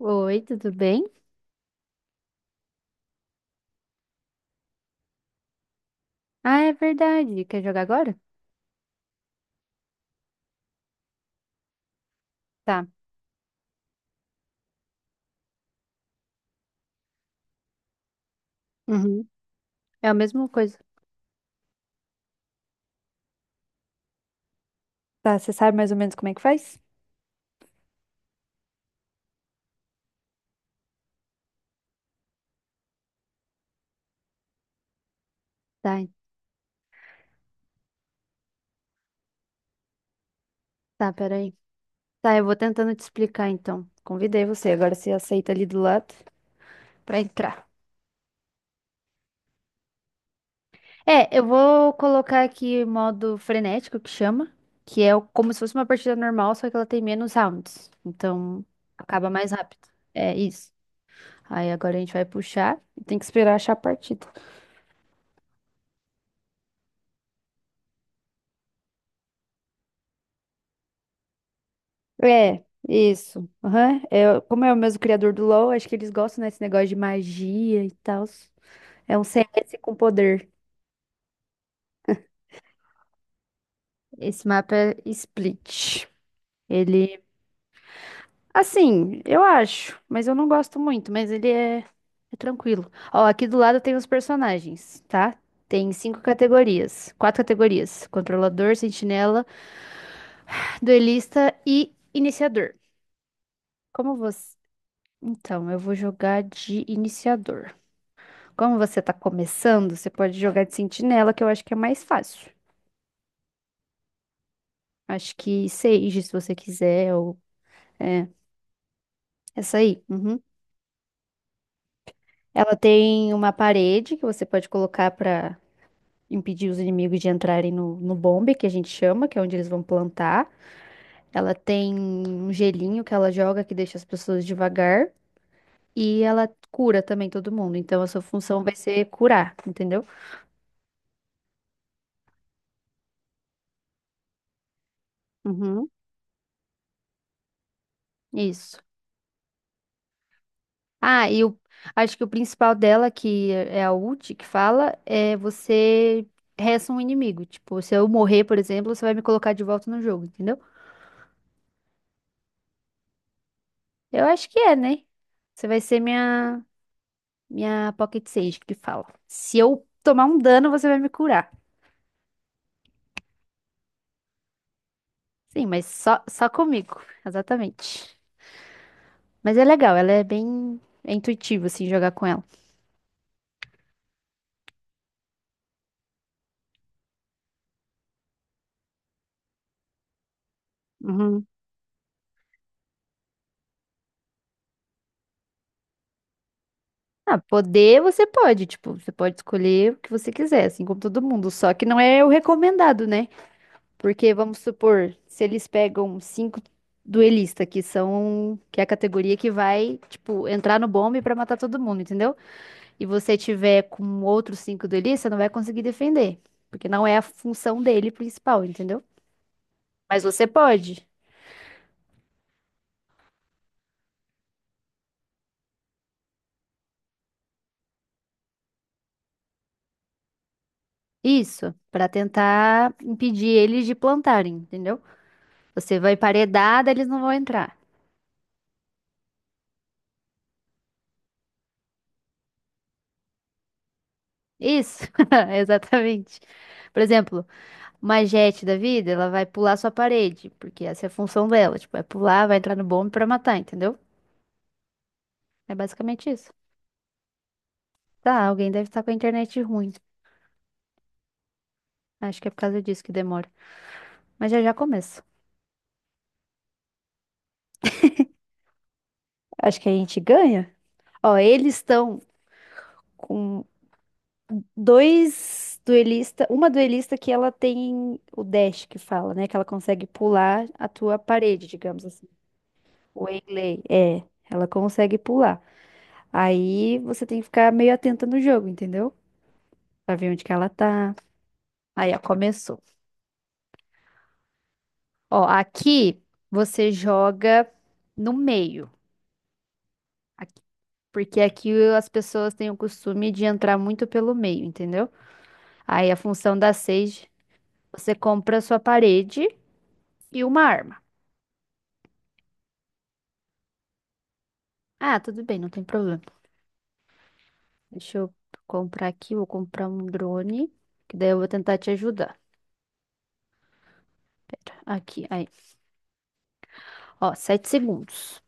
Oi, tudo bem? Ah, é verdade. Quer jogar agora? Tá. Uhum. É a mesma coisa. Tá, você sabe mais ou menos como é que faz? Tá, en- tá, peraí. Tá, eu vou tentando te explicar então. Convidei você, agora você aceita ali do lado pra entrar. É, eu vou colocar aqui o modo frenético que chama, que é como se fosse uma partida normal, só que ela tem menos rounds. Então, acaba mais rápido. É isso. Aí agora a gente vai puxar. Tem que esperar achar a partida. É, isso. Aham. É, como é o mesmo criador do LoL, acho que eles gostam, né, desse negócio de magia e tal. É um CS com poder. Esse mapa é Split. Ele, assim, eu acho, mas eu não gosto muito, mas ele é, é tranquilo. Ó, aqui do lado tem os personagens, tá? Tem cinco categorias, quatro categorias: controlador, sentinela, duelista e iniciador. Como você? Então, eu vou jogar de iniciador. Como você tá começando, você pode jogar de sentinela, que eu acho que é mais fácil. Acho que Sage, se você quiser, ou... É, essa aí. Uhum. Ela tem uma parede que você pode colocar pra impedir os inimigos de entrarem no, no bombe, que a gente chama, que é onde eles vão plantar. Ela tem um gelinho que ela joga que deixa as pessoas devagar. E ela cura também todo mundo. Então, a sua função vai ser curar, entendeu? Uhum. Isso. Ah, acho que o principal dela, que é a ult, que fala, é você resta um inimigo. Tipo, se eu morrer, por exemplo, você vai me colocar de volta no jogo, entendeu? Eu acho que é, né? Você vai ser minha Pocket Sage, que fala. Se eu tomar um dano, você vai me curar. Sim, mas só comigo, exatamente. Mas é legal, ela é bem intuitivo, assim, jogar com ela. Uhum. Ah, poder você pode, tipo, você pode escolher o que você quiser, assim como todo mundo, só que não é o recomendado, né? Porque vamos supor, se eles pegam cinco duelistas, que é a categoria que vai, tipo, entrar no bombe pra matar todo mundo, entendeu? E você tiver com outros cinco duelistas, não vai conseguir defender, porque não é a função dele principal, entendeu? Mas você pode. Isso, pra tentar impedir eles de plantarem, entendeu? Você vai emparedada, eles não vão entrar. Isso, exatamente. Por exemplo, uma Jett da vida, ela vai pular sua parede, porque essa é a função dela. Tipo, vai pular, vai entrar no bombe pra matar, entendeu? É basicamente isso. Tá, alguém deve estar com a internet ruim. Acho que é por causa disso que demora. Mas já já começa. Acho que a gente ganha. Ó, eles estão com dois duelista, uma duelista que ela tem o dash que fala, né? Que ela consegue pular a tua parede, digamos assim. O Waylay, é, ela consegue pular. Aí você tem que ficar meio atenta no jogo, entendeu? Pra ver onde que ela tá. Aí, ó, começou. Ó, aqui você joga no meio. Aqui- Porque aqui as pessoas têm o costume de entrar muito pelo meio, entendeu? Aí a função da Sage, você compra a sua parede e uma arma. Ah, tudo bem, não tem problema. Deixa eu comprar aqui, vou comprar um drone, que daí eu vou tentar te ajudar. Pera, aqui, aí. Ó, 7 segundos.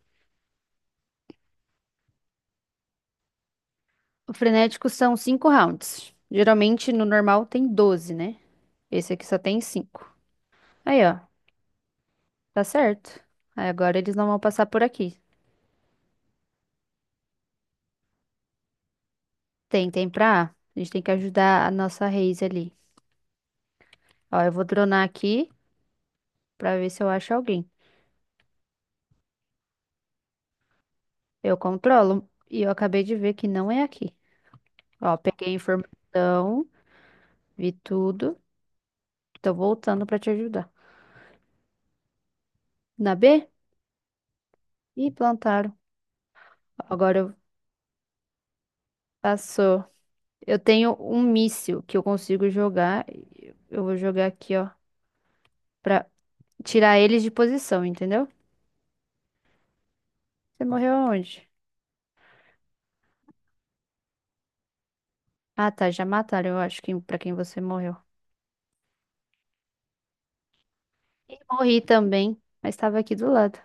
O frenético são 5 rounds. Geralmente no normal tem 12, né? Esse aqui só tem cinco. Aí, ó, tá certo. Aí agora eles não vão passar por aqui. Tem pra A. A gente tem que ajudar a nossa Reis ali. Ó, eu vou dronar aqui pra ver se eu acho alguém. Eu controlo e eu acabei de ver que não é aqui. Ó, peguei a informação, vi tudo. Tô voltando pra te ajudar. Na B? Ih, plantaram. Agora eu passou. Eu tenho um míssil que eu consigo jogar. Eu vou jogar aqui, ó, pra tirar eles de posição, entendeu? Você morreu aonde? Ah, tá, já mataram, eu acho que pra quem você morreu. E morri também, mas tava aqui do lado.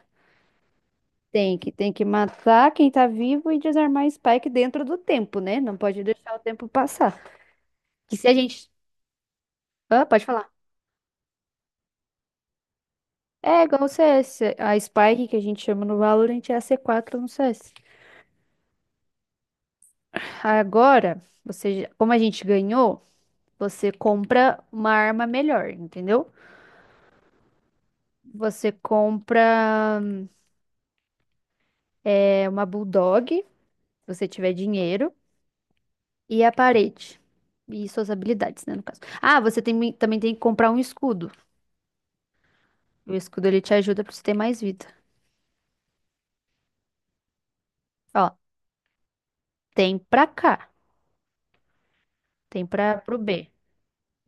Tem que matar quem tá vivo e desarmar Spike dentro do tempo, né? Não pode deixar o tempo passar. Que se a gente. Ah, pode falar. É igual o CS. A Spike que a gente chama no Valorant é a C4 no CS. Agora, você, já- como a gente ganhou, você compra uma arma melhor, entendeu? Você compra é, uma Bulldog, se você tiver dinheiro. E a parede. E suas habilidades, né, no caso. Ah, você tem- também tem que comprar um escudo. O escudo ele te ajuda pra você ter mais vida. Ó, tem pra cá, tem pra pro B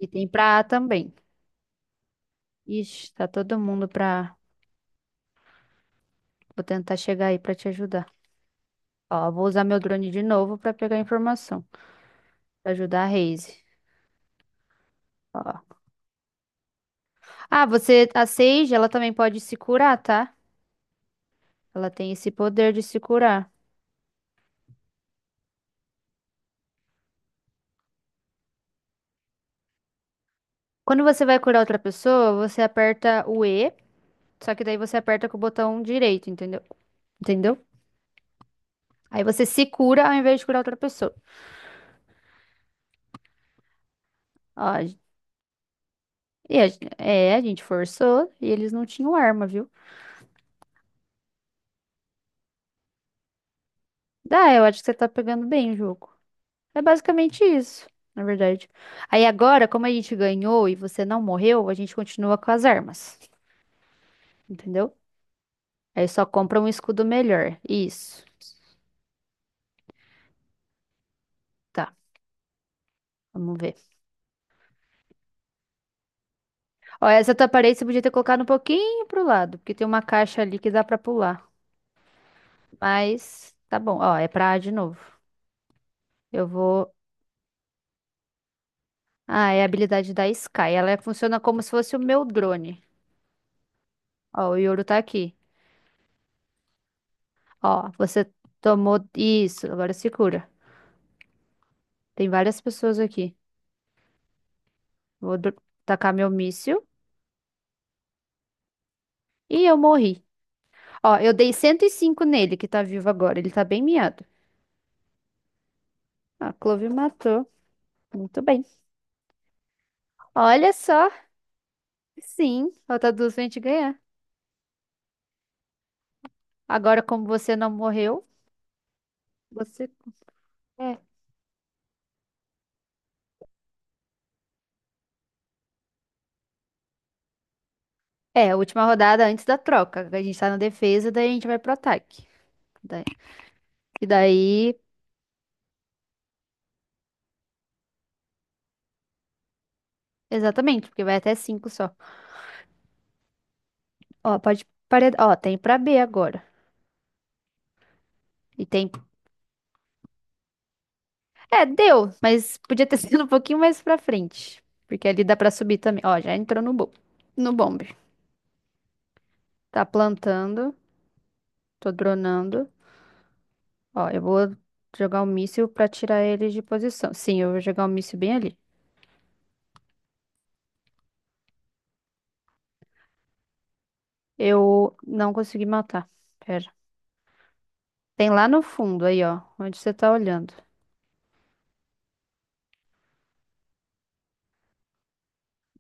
e tem pra A também. Ixi, tá todo mundo pra. Vou tentar chegar aí pra te ajudar. Ó, vou usar meu drone de novo pra pegar informação, pra ajudar a Raze. Ó. Ah, você a Sage, ela também pode se curar, tá? Ela tem esse poder de se curar. Quando você vai curar outra pessoa, você aperta o E. Só que daí você aperta com o botão direito, entendeu? Entendeu? Aí você se cura ao invés de curar outra pessoa. Ó, a gente forçou e eles não tinham arma, viu? Dá, eu acho que você tá pegando bem o jogo. É basicamente isso, na verdade. Aí agora, como a gente ganhou e você não morreu, a gente continua com as armas, entendeu? Aí só compra um escudo melhor. Isso. Tá, vamos ver. Ó, essa tua parede você podia ter colocado um pouquinho pro lado, porque tem uma caixa ali que dá pra pular. Mas tá bom, ó, é pra A de novo. Eu vou. Ah, é a habilidade da Sky. Funciona como se fosse o meu drone. Ó, o Yoru tá aqui. Ó, você tomou isso. Agora se cura. Tem várias pessoas aqui. Vou dro- tacar meu míssil. E eu morri. Ó, eu dei 105 nele, que tá vivo agora. Ele tá bem miado. Ó, a Clove matou. Muito bem. Olha só. Sim, falta duas pra gente ganhar. Agora, como você não morreu, você. É, é, última rodada antes da troca. A gente tá na defesa, daí a gente vai pro ataque. E daí, exatamente, porque vai até 5 só. Ó, pode parar. Ó, tem pra B agora. E tem. É, deu, mas podia ter sido um pouquinho mais pra frente. Porque ali dá pra subir também. Ó, já entrou no bom. No bombe. Tá plantando. Tô dronando. Ó, eu vou jogar um míssil pra tirar ele de posição. Sim, eu vou jogar um míssil bem ali. Eu não consegui matar. Pera. Tem lá no fundo aí, ó. Onde você tá olhando.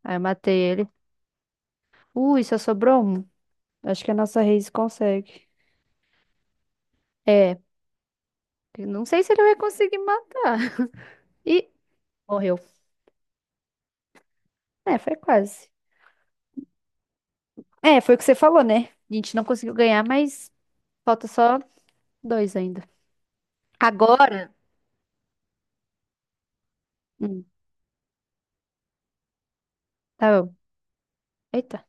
Aí eu matei ele. Ui, só sobrou um. Acho que a nossa raise consegue. É, Eu não sei se ele vai conseguir matar. E morreu. É, foi quase. É, foi o que você falou, né? A gente não conseguiu ganhar, mas falta só dois ainda. Agora. Hum, tá bom. Eita.